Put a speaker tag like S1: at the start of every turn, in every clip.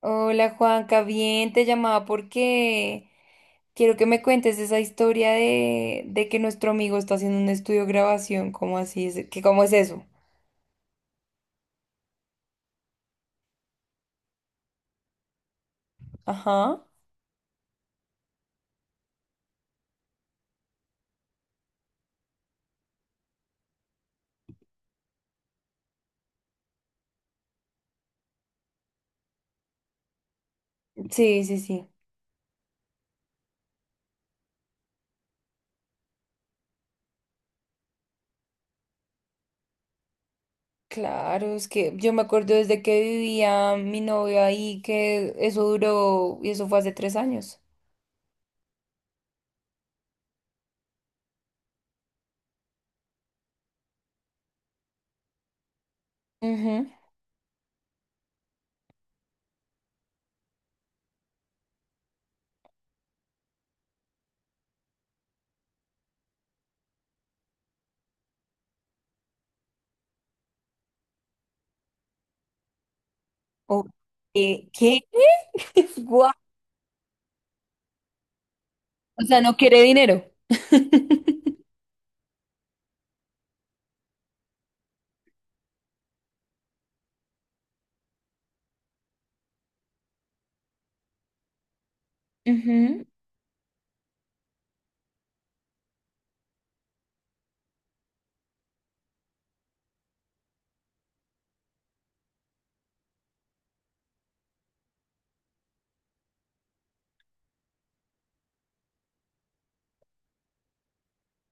S1: Hola Juanca, bien, te llamaba porque quiero que me cuentes esa historia de que nuestro amigo está haciendo un estudio de grabación. ¿Cómo así es? ¿Qué? ¿Cómo es eso? Ajá. Sí, sí, sí. Claro, es que yo me acuerdo desde que vivía mi novio ahí, que eso duró, y eso fue hace 3 años. Ujú. Oh, ¿qué? ¿Qué? Guau. O sea, no quiere dinero.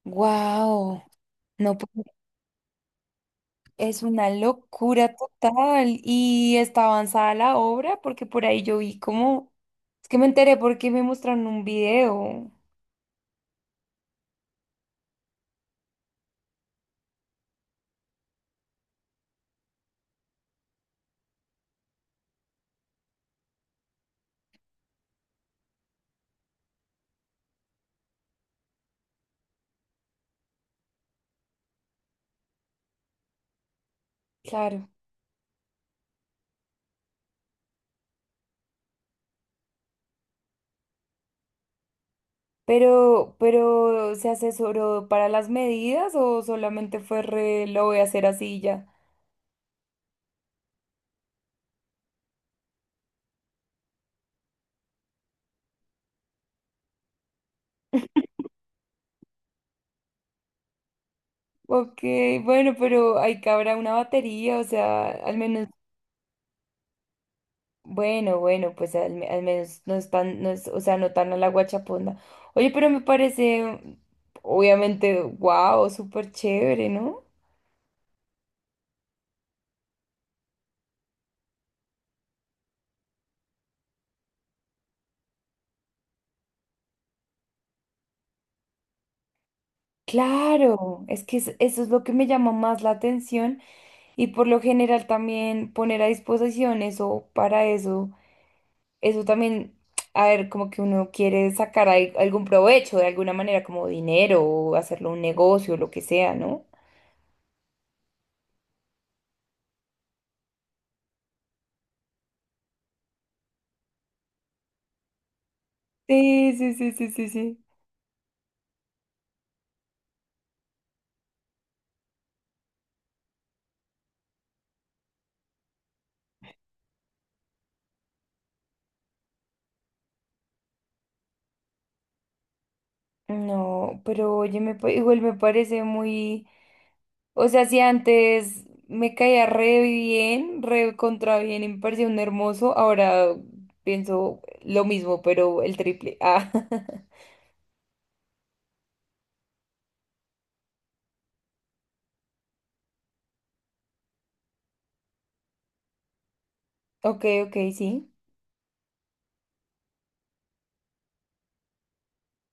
S1: Wow. No, pues. Es una locura total, y está avanzada la obra porque por ahí yo vi como, es que me enteré porque me mostraron un video, claro. Pero ¿se asesoró para las medidas, o solamente fue re, lo voy a hacer así y ya? Ok, bueno, pero ahí cabrá una batería, o sea, al menos, bueno, bueno, pues al menos no están, no es, o sea, no tan a la guachaponda. Oye, pero me parece, obviamente, wow, súper chévere, ¿no? Claro, es que eso es lo que me llama más la atención, y por lo general también poner a disposición eso para eso, eso también, a ver, como que uno quiere sacar algún provecho de alguna manera, como dinero, o hacerlo un negocio, lo que sea, ¿no? Sí, sí, sí, sí, sí, sí. No, pero oye, igual me parece muy... O sea, si antes me caía re bien, re contra bien, y me parecía un hermoso, ahora pienso lo mismo, pero el triple. Ah, ok, ok, sí.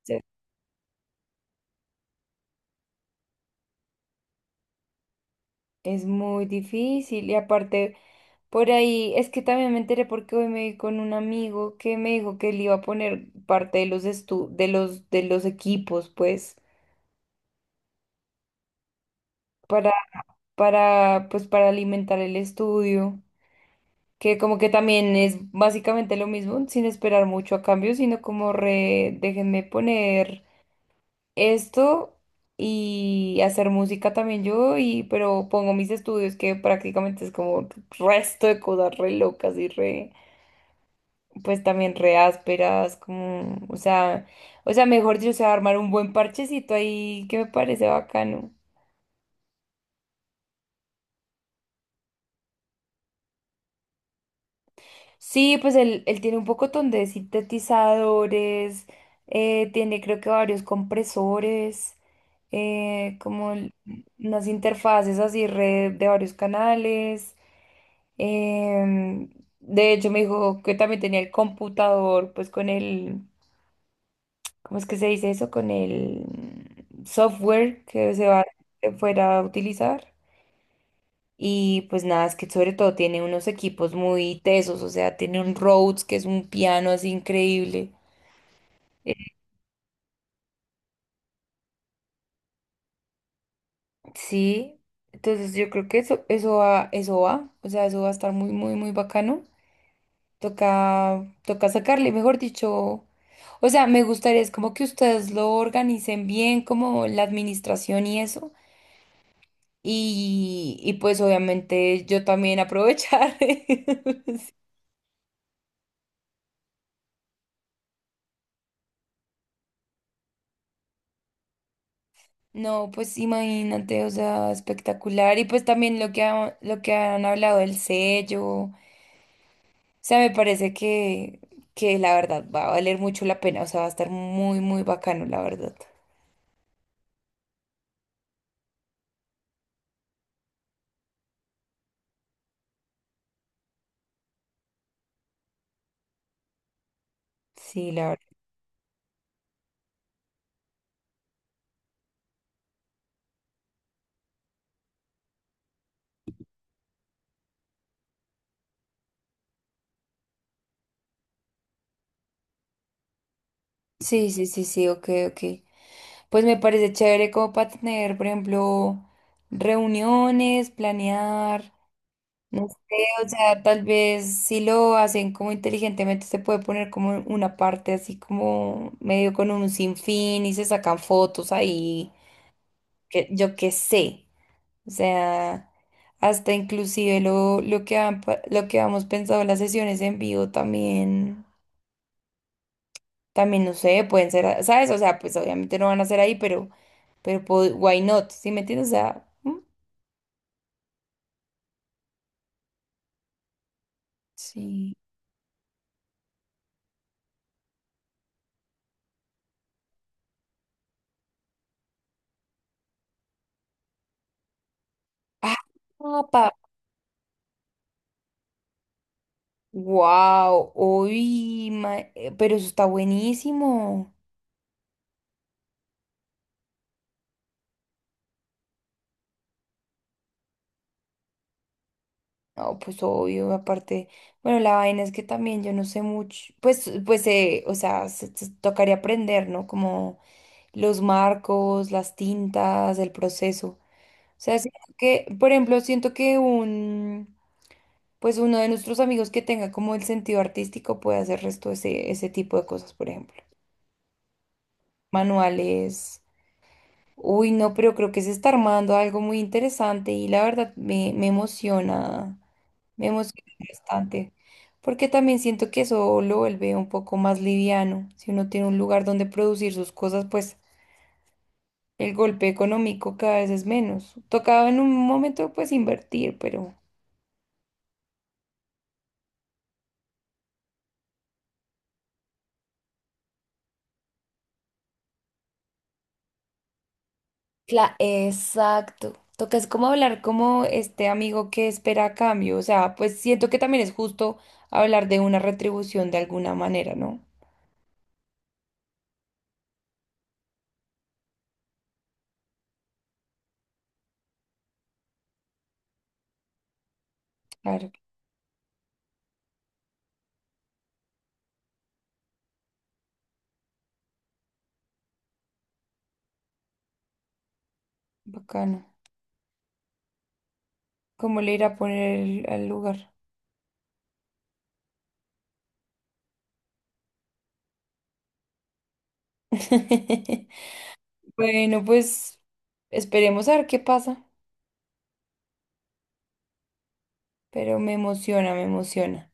S1: Sí. Es muy difícil, y aparte por ahí es que también me enteré porque hoy me vi con un amigo que me dijo que él iba a poner parte de los estu- de los equipos, pues para para pues para alimentar el estudio. Que como que también es básicamente lo mismo, sin esperar mucho a cambio, sino como re, déjenme poner esto y hacer música también yo, y pero pongo mis estudios, que prácticamente es como resto de cosas re locas y re, pues también re ásperas, como, o sea, mejor dicho, o sea, armar un buen parchecito ahí, que me parece bacano. Sí, pues él tiene un pocotón de sintetizadores. Tiene creo que varios compresores. eh, como el- Unas interfaces así de varios canales. em, de hecho me dijo que también tenía el computador, pues con el, ¿cómo es que se dice eso? Con el software que fuera a utilizar. Y pues nada, es que sobre todo tiene unos equipos muy tesos, o sea, tiene un Rhodes, que es un piano así increíble. Eh, Sí, entonces yo creo que eso va, o sea, eso va a estar muy, muy, muy bacano. Toca, toca sacarle, mejor dicho. O sea, me gustaría, es como que ustedes lo organicen bien, como la administración y eso. Y pues obviamente yo también aprovechar. No, pues imagínate, o sea, espectacular. Y pues también lo que, lo que han hablado del sello. O sea, me parece que la verdad va a valer mucho la pena, o sea, va a estar muy, muy bacano, la verdad. Sí, la verdad. Sí, sí, sí, sí, ok, ok. Pues me parece chévere como para tener, por ejemplo, reuniones, planear. No sé, o sea, tal vez si lo hacen como inteligentemente, se puede poner como una parte así como medio con un sinfín, y se sacan fotos ahí, que yo qué sé. O sea, hasta inclusive lo que hemos pensado en las sesiones en vivo también, también no sé, pueden ser, ¿sabes? O sea, pues obviamente no van a ser ahí, pero, why not? ¿Sí me entiendes? O sea, mm, sí. Ah, papá. Wow, uy, pero eso está buenísimo. No, pues obvio, aparte, bueno, la vaina es que también yo no sé mucho, pues, o sea, se tocaría aprender, ¿no? Como los marcos, las tintas, el proceso. O sea, siento que, por ejemplo, siento que un, pues uno de nuestros amigos que tenga como el sentido artístico puede hacer resto ese tipo de cosas, por ejemplo. Manuales. Uy, no, pero creo que se está armando algo muy interesante, y la verdad me emociona, me emociona bastante, porque también siento que eso lo vuelve un poco más liviano. Si uno tiene un lugar donde producir sus cosas, pues el golpe económico cada vez es menos. Tocaba en un momento pues invertir, pero... Exacto. Toca es como hablar como este amigo que espera a cambio, o sea, pues siento que también es justo hablar de una retribución de alguna manera, ¿no? Claro, bacano. ¿Cómo le irá a poner al lugar? Bueno, pues esperemos a ver qué pasa, pero me emociona, me emociona.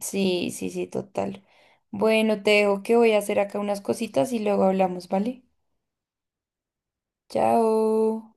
S1: Sí, sí, sí, total. Bueno, te dejo, que voy a hacer acá unas cositas y luego hablamos, ¿vale? Chao.